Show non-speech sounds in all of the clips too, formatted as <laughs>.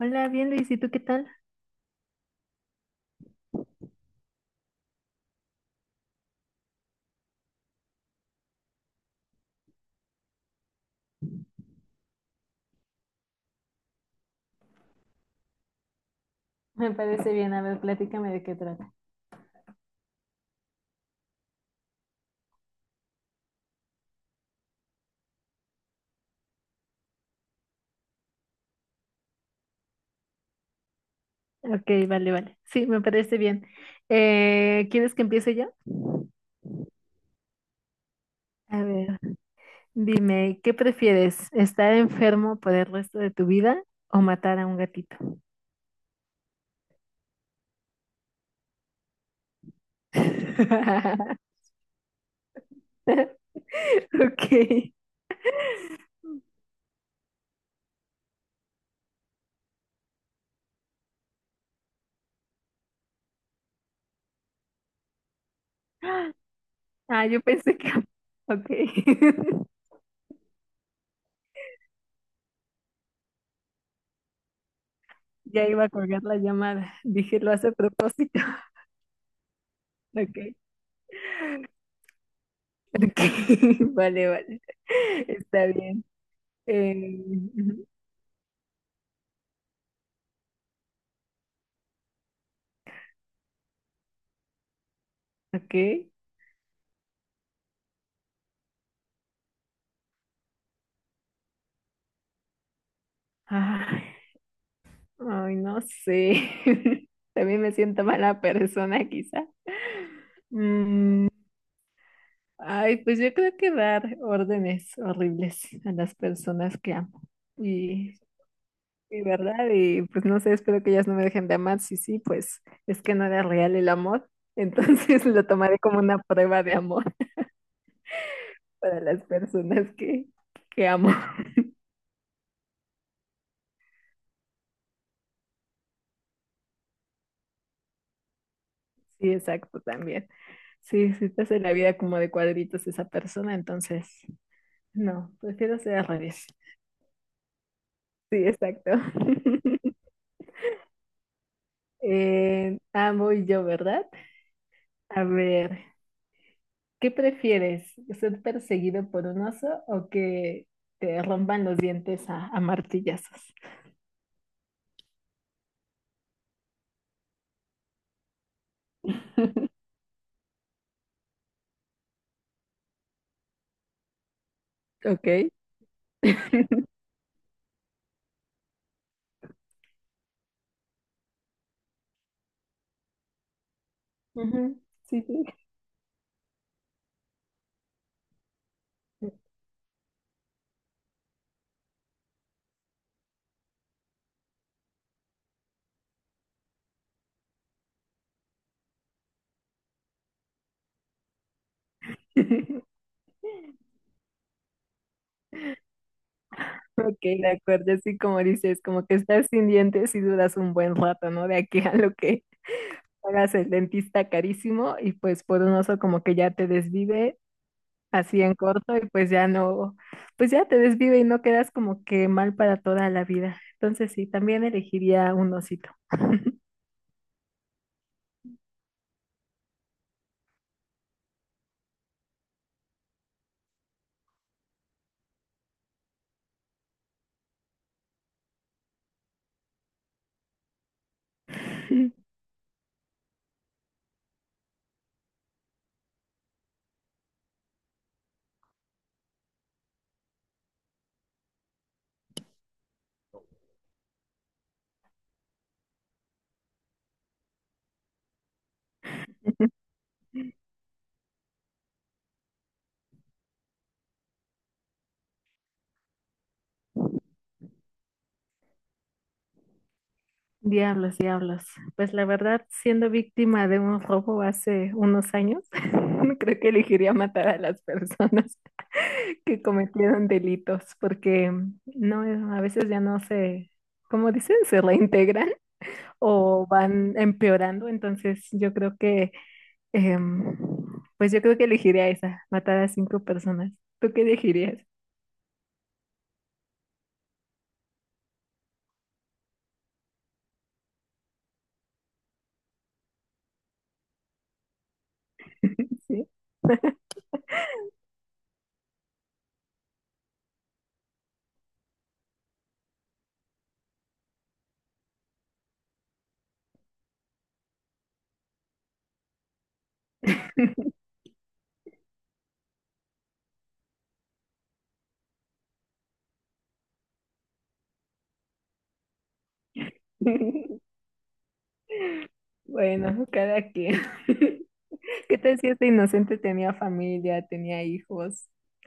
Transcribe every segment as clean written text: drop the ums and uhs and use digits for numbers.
Hola, bien Luis, ¿y tú qué tal? Me parece bien, a ver, plática. Ok, vale, vale. Sí, me parece bien. ¿Quieres que empiece yo? A ver, dime, ¿qué prefieres? ¿Estar enfermo por el resto de tu vida o matar a un gatito? <laughs> Ok. Ah, yo pensé que... Ok. <laughs> Ya iba a colgar la llamada. Dije, lo hace a propósito. <laughs> Ok. Ok. <laughs> Vale, vale. Está bien. Eh, ujú. Ok. Ah, ay, no sé. <laughs> También me siento mala persona, quizá. Mm, ay, pues yo creo que dar órdenes horribles a las personas que amo. Y, y verdad, y pues no sé, espero que ellas no me dejen de amar. Sí, sí, pues es que no era real el amor. Entonces <laughs> lo tomaré como una prueba de amor <laughs> para las personas que amo. <laughs> Sí, exacto, también. Sí, si te hace la vida como de cuadritos esa persona, entonces no, prefiero ser al revés. Sí, exacto. <laughs> Voy yo, ¿verdad? A ver, ¿qué prefieres? ¿Ser perseguido por un oso o que te rompan los dientes a martillazos? Ok. Ujú. Sí, sí. <laughs> Ok, de acuerdo, así como dices, como que estás sin dientes y dudas un buen rato, ¿no? De aquí a lo que hagas el dentista carísimo y pues por un oso como que ya te desvive así en corto y pues ya no, pues ya te desvive y no quedas como que mal para toda la vida. Entonces sí, también elegiría un osito. <laughs> Diablos, diablos. Pues la verdad, siendo víctima de un robo hace unos años, <laughs> creo que elegiría matar a las personas <laughs> que cometieron delitos, porque no, a veces ya no se, como dicen, se reintegran o van empeorando. Entonces yo creo que, em, pues yo creo que elegiría esa, matar a cinco personas. ¿Tú qué elegirías? Sí. <laughs> Bueno, cada quien. <laughs> ¿Qué tal si este inocente tenía familia, tenía hijos? <laughs>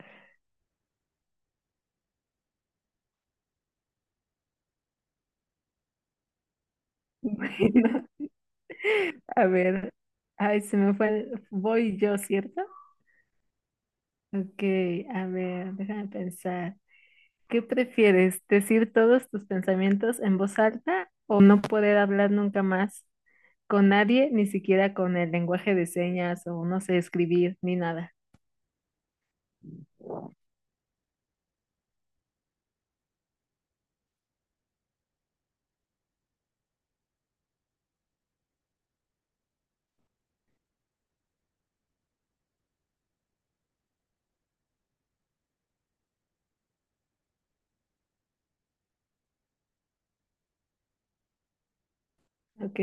Bueno, a ver. Ay, se me fue. Voy yo, ¿cierto? Ok, a ver, déjame pensar. ¿Qué prefieres? ¿Decir todos tus pensamientos en voz alta o no poder hablar nunca más con nadie, ni siquiera con el lenguaje de señas o no sé escribir ni nada? ¿Ok?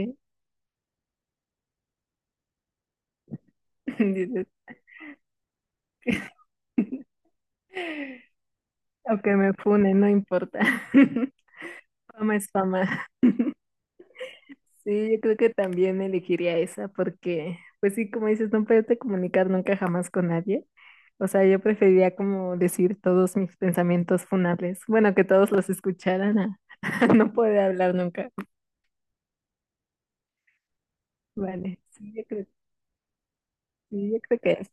<laughs> Dices, <laughs> o me fune, no importa. <laughs> Fama es fama. Sí, yo creo que también elegiría esa porque, pues sí, como dices, no poderte comunicar nunca jamás con nadie. O sea, yo preferiría como decir todos mis pensamientos funables. Bueno, que todos los escucharan a, <laughs> a no poder hablar nunca. Vale, sí, yo creo que es.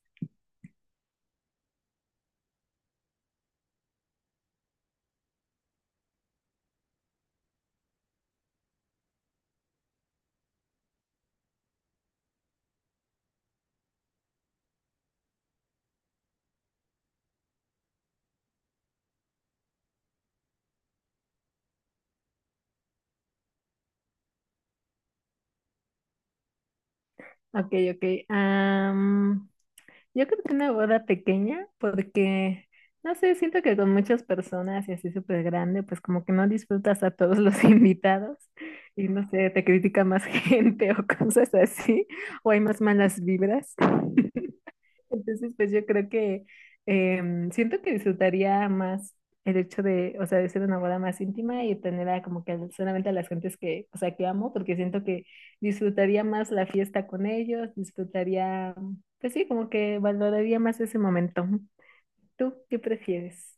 Ok, ok. Yo creo que una boda pequeña, porque, no sé, siento que con muchas personas y así súper grande, pues como que no disfrutas a todos los <laughs> invitados y no sé, te critica más <laughs> gente o cosas así, o hay más malas vibras. <laughs> Entonces, pues yo creo que, siento que disfrutaría más el hecho de, o sea, de ser una boda más íntima y tener a como que solamente a las gentes que, o sea, que amo, porque siento que disfrutaría más la fiesta con ellos, disfrutaría, pues sí, como que valoraría más ese momento. ¿Tú qué prefieres?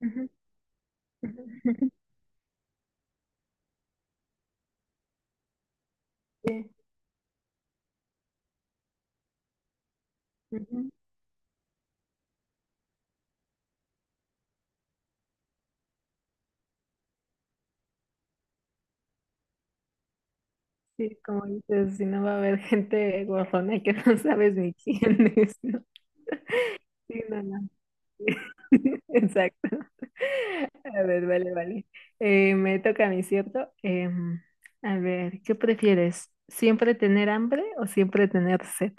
Ujú, ujú. <laughs> Sí, ujú. Sí, como dices, si no va a haber gente guapona que <laughs> no sabes ni quién es, ¿no? Sí, no, no. <laughs> Exacto. A ver, vale, vale. Me toca a mí, ¿cierto? A ver, ¿qué prefieres? ¿Siempre tener hambre o siempre tener sed?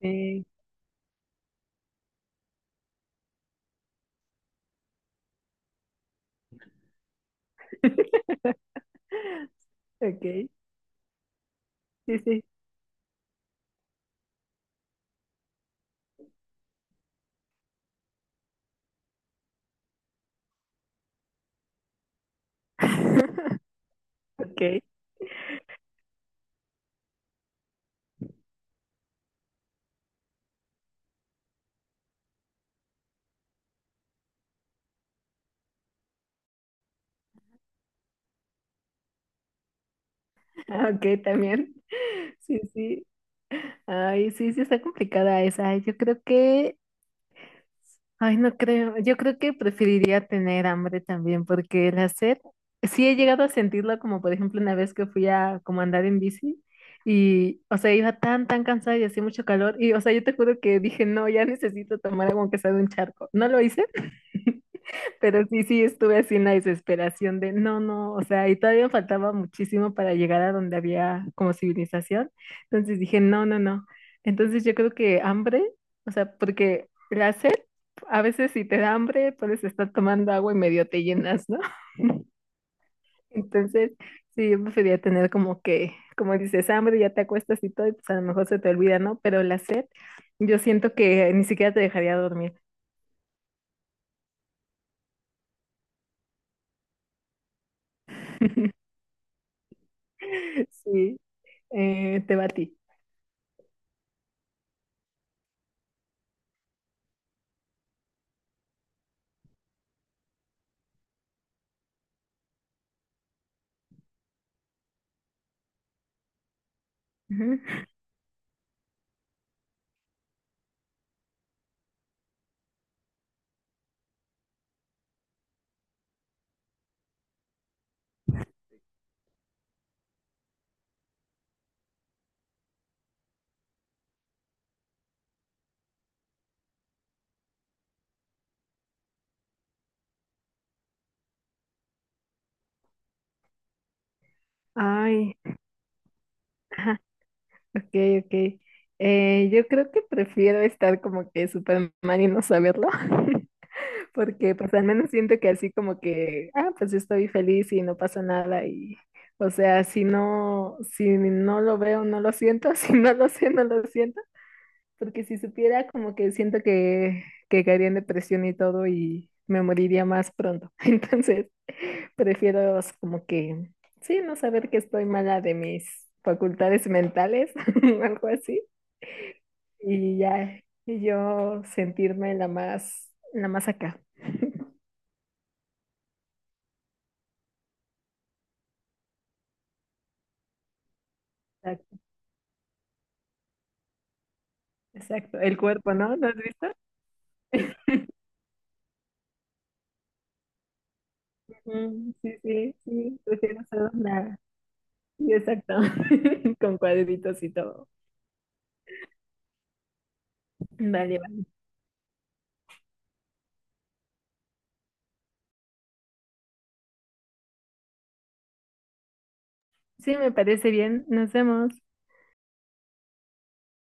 Eh, <laughs> ok, sí, sí. <laughs> Ok, ah, ok, también. Sí, sí. Ay, sí, sí, está complicada esa. Yo creo que ay, no creo. Yo creo que preferiría tener hambre también, porque el hacer, sí he llegado a sentirlo, como por ejemplo una vez que fui a como andar en bici y, o sea, iba tan cansada y hacía mucho calor y, o sea, yo te juro que dije, no, ya necesito tomar agua aunque sea de un charco. No lo hice. <laughs> Pero sí, sí, estuve así en la desesperación de no, no, o sea, y todavía faltaba muchísimo para llegar a donde había como civilización. Entonces dije, no, no, no. Entonces yo creo que hambre, o sea, porque la sed, a veces si te da hambre, puedes estar tomando agua y medio te llenas, ¿no? <laughs> Entonces, sí, yo prefería tener como que, como dices, hambre, ya te acuestas y todo, y pues a lo mejor se te olvida, ¿no? Pero la sed, yo siento que ni siquiera te dejaría dormir. <laughs> Sí, te va a ti. Ujú. Ay, <laughs> ajá, ok, ok. Yo creo que prefiero estar como que Superman y no saberlo, <laughs> porque pues al menos siento que así como que, ah, pues yo estoy feliz y no pasa nada y, o sea, si no, si no lo veo, no lo siento, <laughs> si no lo sé, no lo siento, porque si supiera como que siento que caería en depresión y todo y me moriría más pronto. <laughs> Entonces, prefiero como que, sí, no saber que estoy mala de mis facultades mentales, <laughs> algo así, y ya y yo sentirme la más acá. <laughs> Exacto, exacto. El cuerpo, ¿no? ¿Lo has visto? Ujú. Sí, sí, sí, prefiero ser una. Sí, exacto, <laughs> con cuadritos y todo. Vale, vale. Sí, me parece bien. Nos vemos.